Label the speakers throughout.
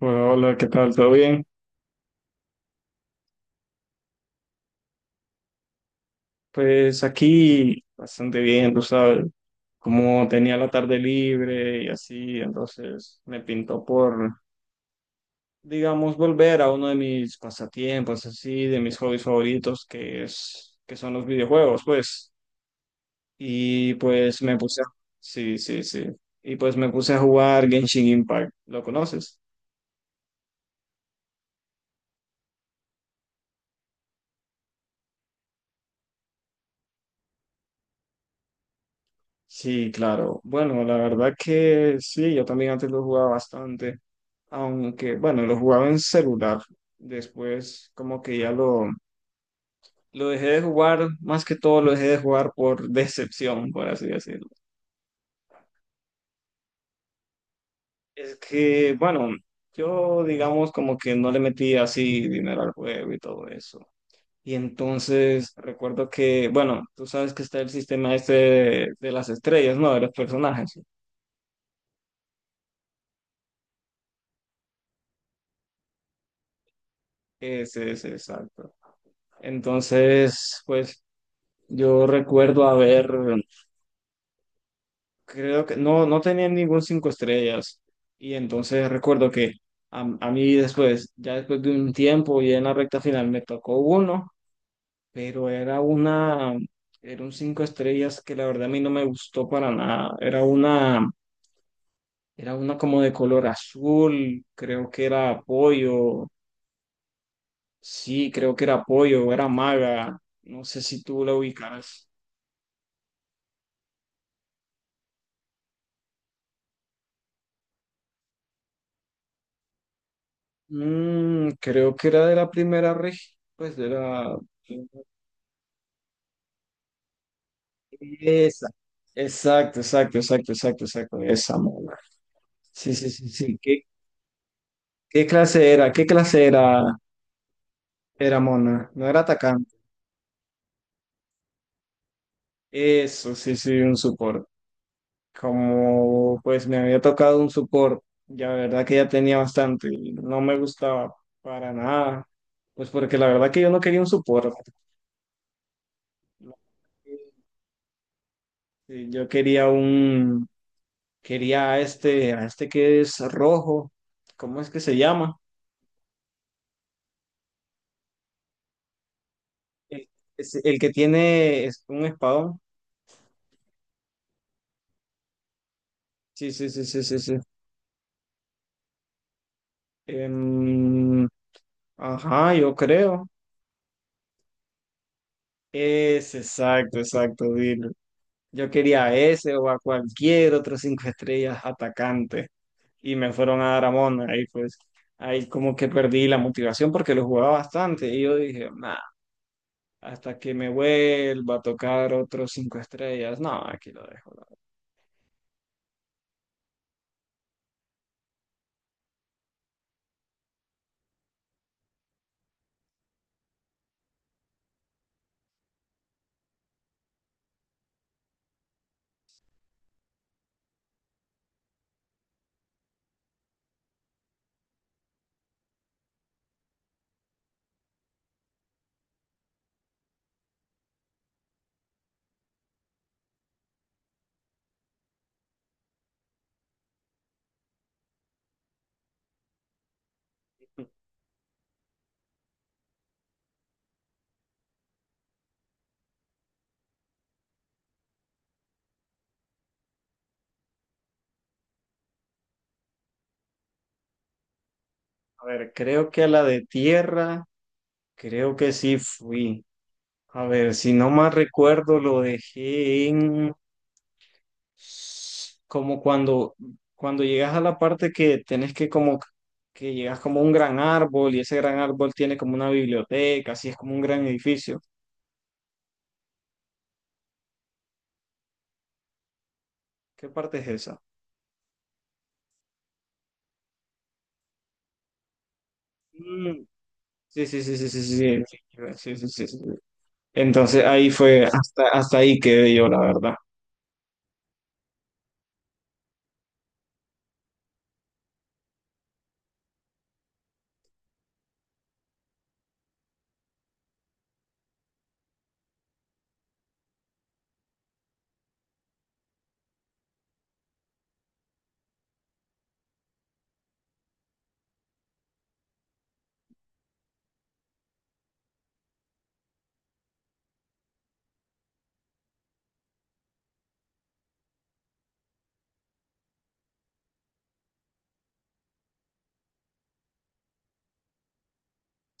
Speaker 1: Hola, ¿qué tal? ¿Todo bien? Pues aquí bastante bien, tú sabes, como tenía la tarde libre y así, entonces me pintó por, digamos, volver a uno de mis pasatiempos, así, de mis hobbies favoritos, que son los videojuegos, pues. Y pues me puse a... Sí, sí, sí. Y pues me puse a jugar Genshin Impact. ¿Lo conoces? Sí, claro. Bueno, la verdad que sí, yo también antes lo jugaba bastante. Aunque bueno, lo jugaba en celular. Después como que lo dejé de jugar, más que todo lo dejé de jugar por decepción, por así decirlo. Es que, bueno, yo digamos como que no le metí así dinero al juego y todo eso. Y entonces recuerdo que, bueno, tú sabes que está el sistema este de las estrellas, ¿no? De los personajes. Ese, exacto. Entonces, pues yo recuerdo haber, creo que no tenían ningún cinco estrellas. Y entonces recuerdo que a mí después, ya después de un tiempo y en la recta final me tocó uno, pero era un cinco estrellas que la verdad a mí no me gustó para nada. Era una como de color azul, creo que era pollo, sí, creo que era pollo, era maga, no sé si tú la ubicarás. Creo que era de la primera región, pues de la... Esa. Exacto, exacto, exacto, exacto, exacto. Esa mona. Sí, sí, sí, sí. ¿Qué clase era? ¿Qué clase era, era mona? No, era atacante. Eso, sí, sí, un support. Como pues me había tocado un support, ya la verdad que ya tenía bastante y no me gustaba para nada. Pues porque la verdad que yo no quería un support. Sí, yo quería a este que es rojo. ¿Cómo es que se llama? El, es el que tiene, es un espadón. Sí, sí, sí, sí, sí, sí. Em, ajá, yo creo. Es exacto, exacto, Dilo. Yo quería a ese o a cualquier otro cinco estrellas atacante y me fueron a dar a Mona. Ahí pues, ahí como que perdí la motivación porque lo jugaba bastante y yo dije, nah, hasta que me vuelva a tocar otros cinco estrellas, no, aquí lo dejo. A ver, creo que a la de tierra, creo que sí fui. A ver, si no más recuerdo, lo dejé en como cuando llegas a la parte que tenés que como que llegas como a un gran árbol y ese gran árbol tiene como una biblioteca, así es como un gran edificio. ¿Qué parte es esa? Mm, sí, sí, sí, sí, sí, sí, sí, sí, sí, sí, sí, sí. Entonces ahí fue, hasta ahí quedé yo, la verdad.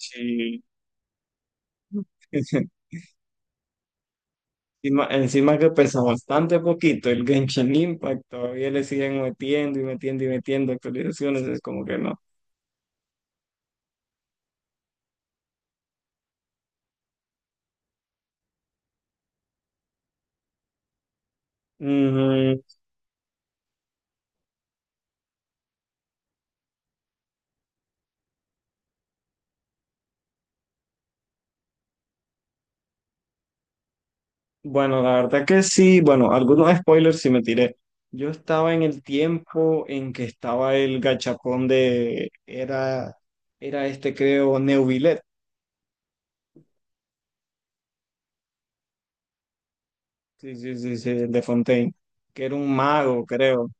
Speaker 1: Sí. Encima, encima que pesa bastante poquito el Genshin Impact, todavía le siguen metiendo y metiendo y metiendo actualizaciones, es como que no. Mm, bueno, la verdad que sí, bueno, algunos spoilers sí me tiré. Yo estaba en el tiempo en que estaba el gachapón de, era este creo, Neuvillet, sí, sí, sí, sí, el de Fontaine, que era un mago, creo.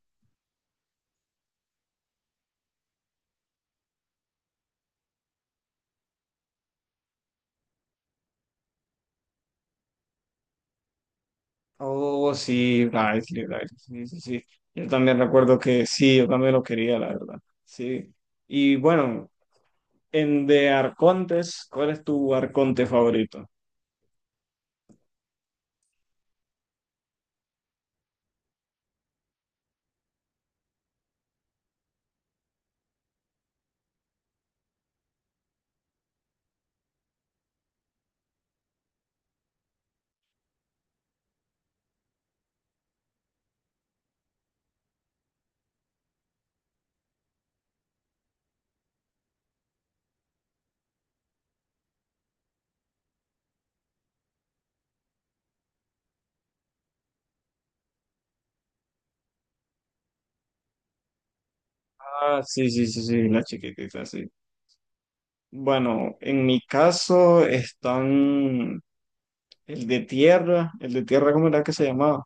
Speaker 1: Oh, sí, Lively, Lively, sí, sí, sí. Yo también recuerdo que sí, yo también lo quería, la verdad. Sí. Y bueno, en de arcontes, ¿cuál es tu arconte favorito? Ah, sí, sí, sí, sí, la chiquitita, sí. Bueno, en mi caso están el de tierra, ¿cómo era que se llamaba?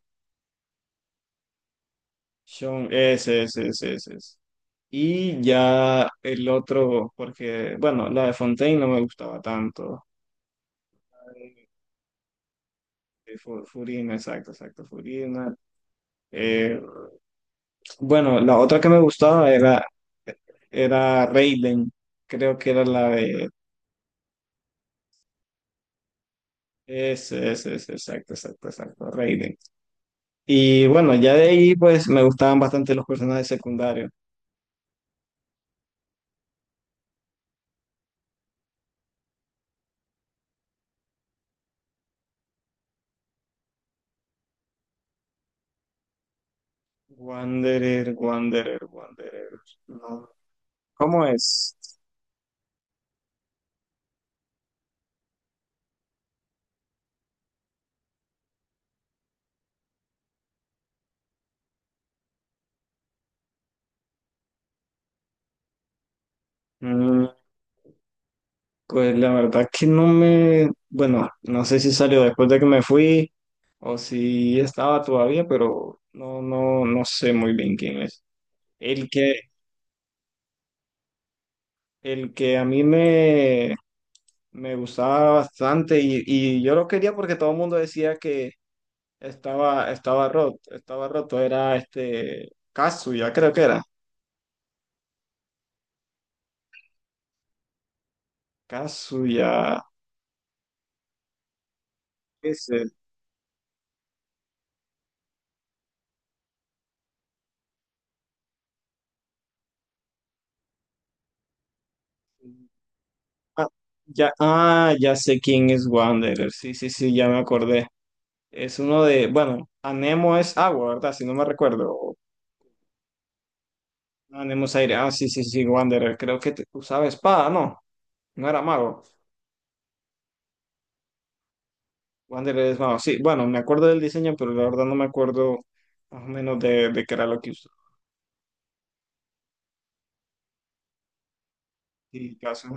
Speaker 1: Sean, ese, ese, ese, ese, ese. Y ya el otro, porque, bueno, la de Fontaine no me gustaba tanto. Sí, Furina, exacto, exacto, Furina. Eh, bueno, la otra que me gustaba era, era Raiden, creo que era la de... es, exacto, exacto, exacto, Raiden. Y bueno, ya de ahí pues me gustaban bastante los personajes secundarios. Wanderer, Wanderer, Wanderer. No, ¿cómo es? Mm, pues la verdad que no me, bueno, no sé si salió después de que me fui o si estaba todavía, pero no, no, no sé muy bien quién es. El que, el que me gustaba bastante y yo lo quería porque todo el mundo decía que estaba roto, era este, Kazuya, creo que era. Kazuya, ese. Ah, ya, ah, ya sé quién es Wanderer, sí, sí, sí, ya me acordé. Es uno de, bueno, Anemo es agua, ¿verdad? Si no me recuerdo. O Anemo es aire. Ah, sí, sí, sí, Wanderer. Creo que usaba espada, no. No era mago. Wanderer es mago. Sí, bueno, me acuerdo del diseño, pero la verdad no me acuerdo más o menos de qué era lo que usaba. Y,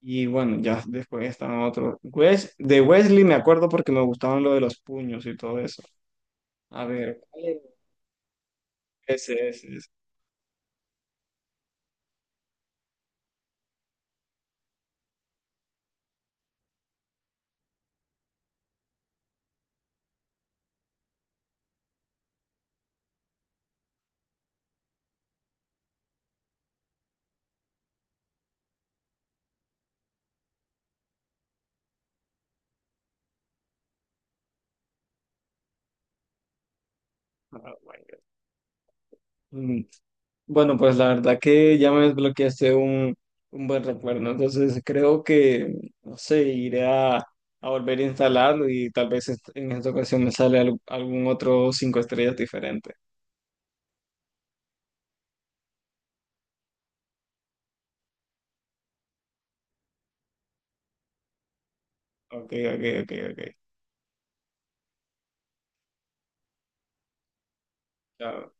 Speaker 1: y bueno, ya después están otros. Wes, de Wesley me acuerdo porque me gustaban lo de los puños y todo eso. A ver, ¿cuál es? Ese, ese, ese. Ah, bueno. Bueno, pues la verdad que ya me desbloqueaste un buen recuerdo, entonces creo que, no sé, iré a volver a instalarlo y tal vez en esta ocasión me sale algún otro cinco estrellas diferente. Ok, ok, ok, ok. Chao.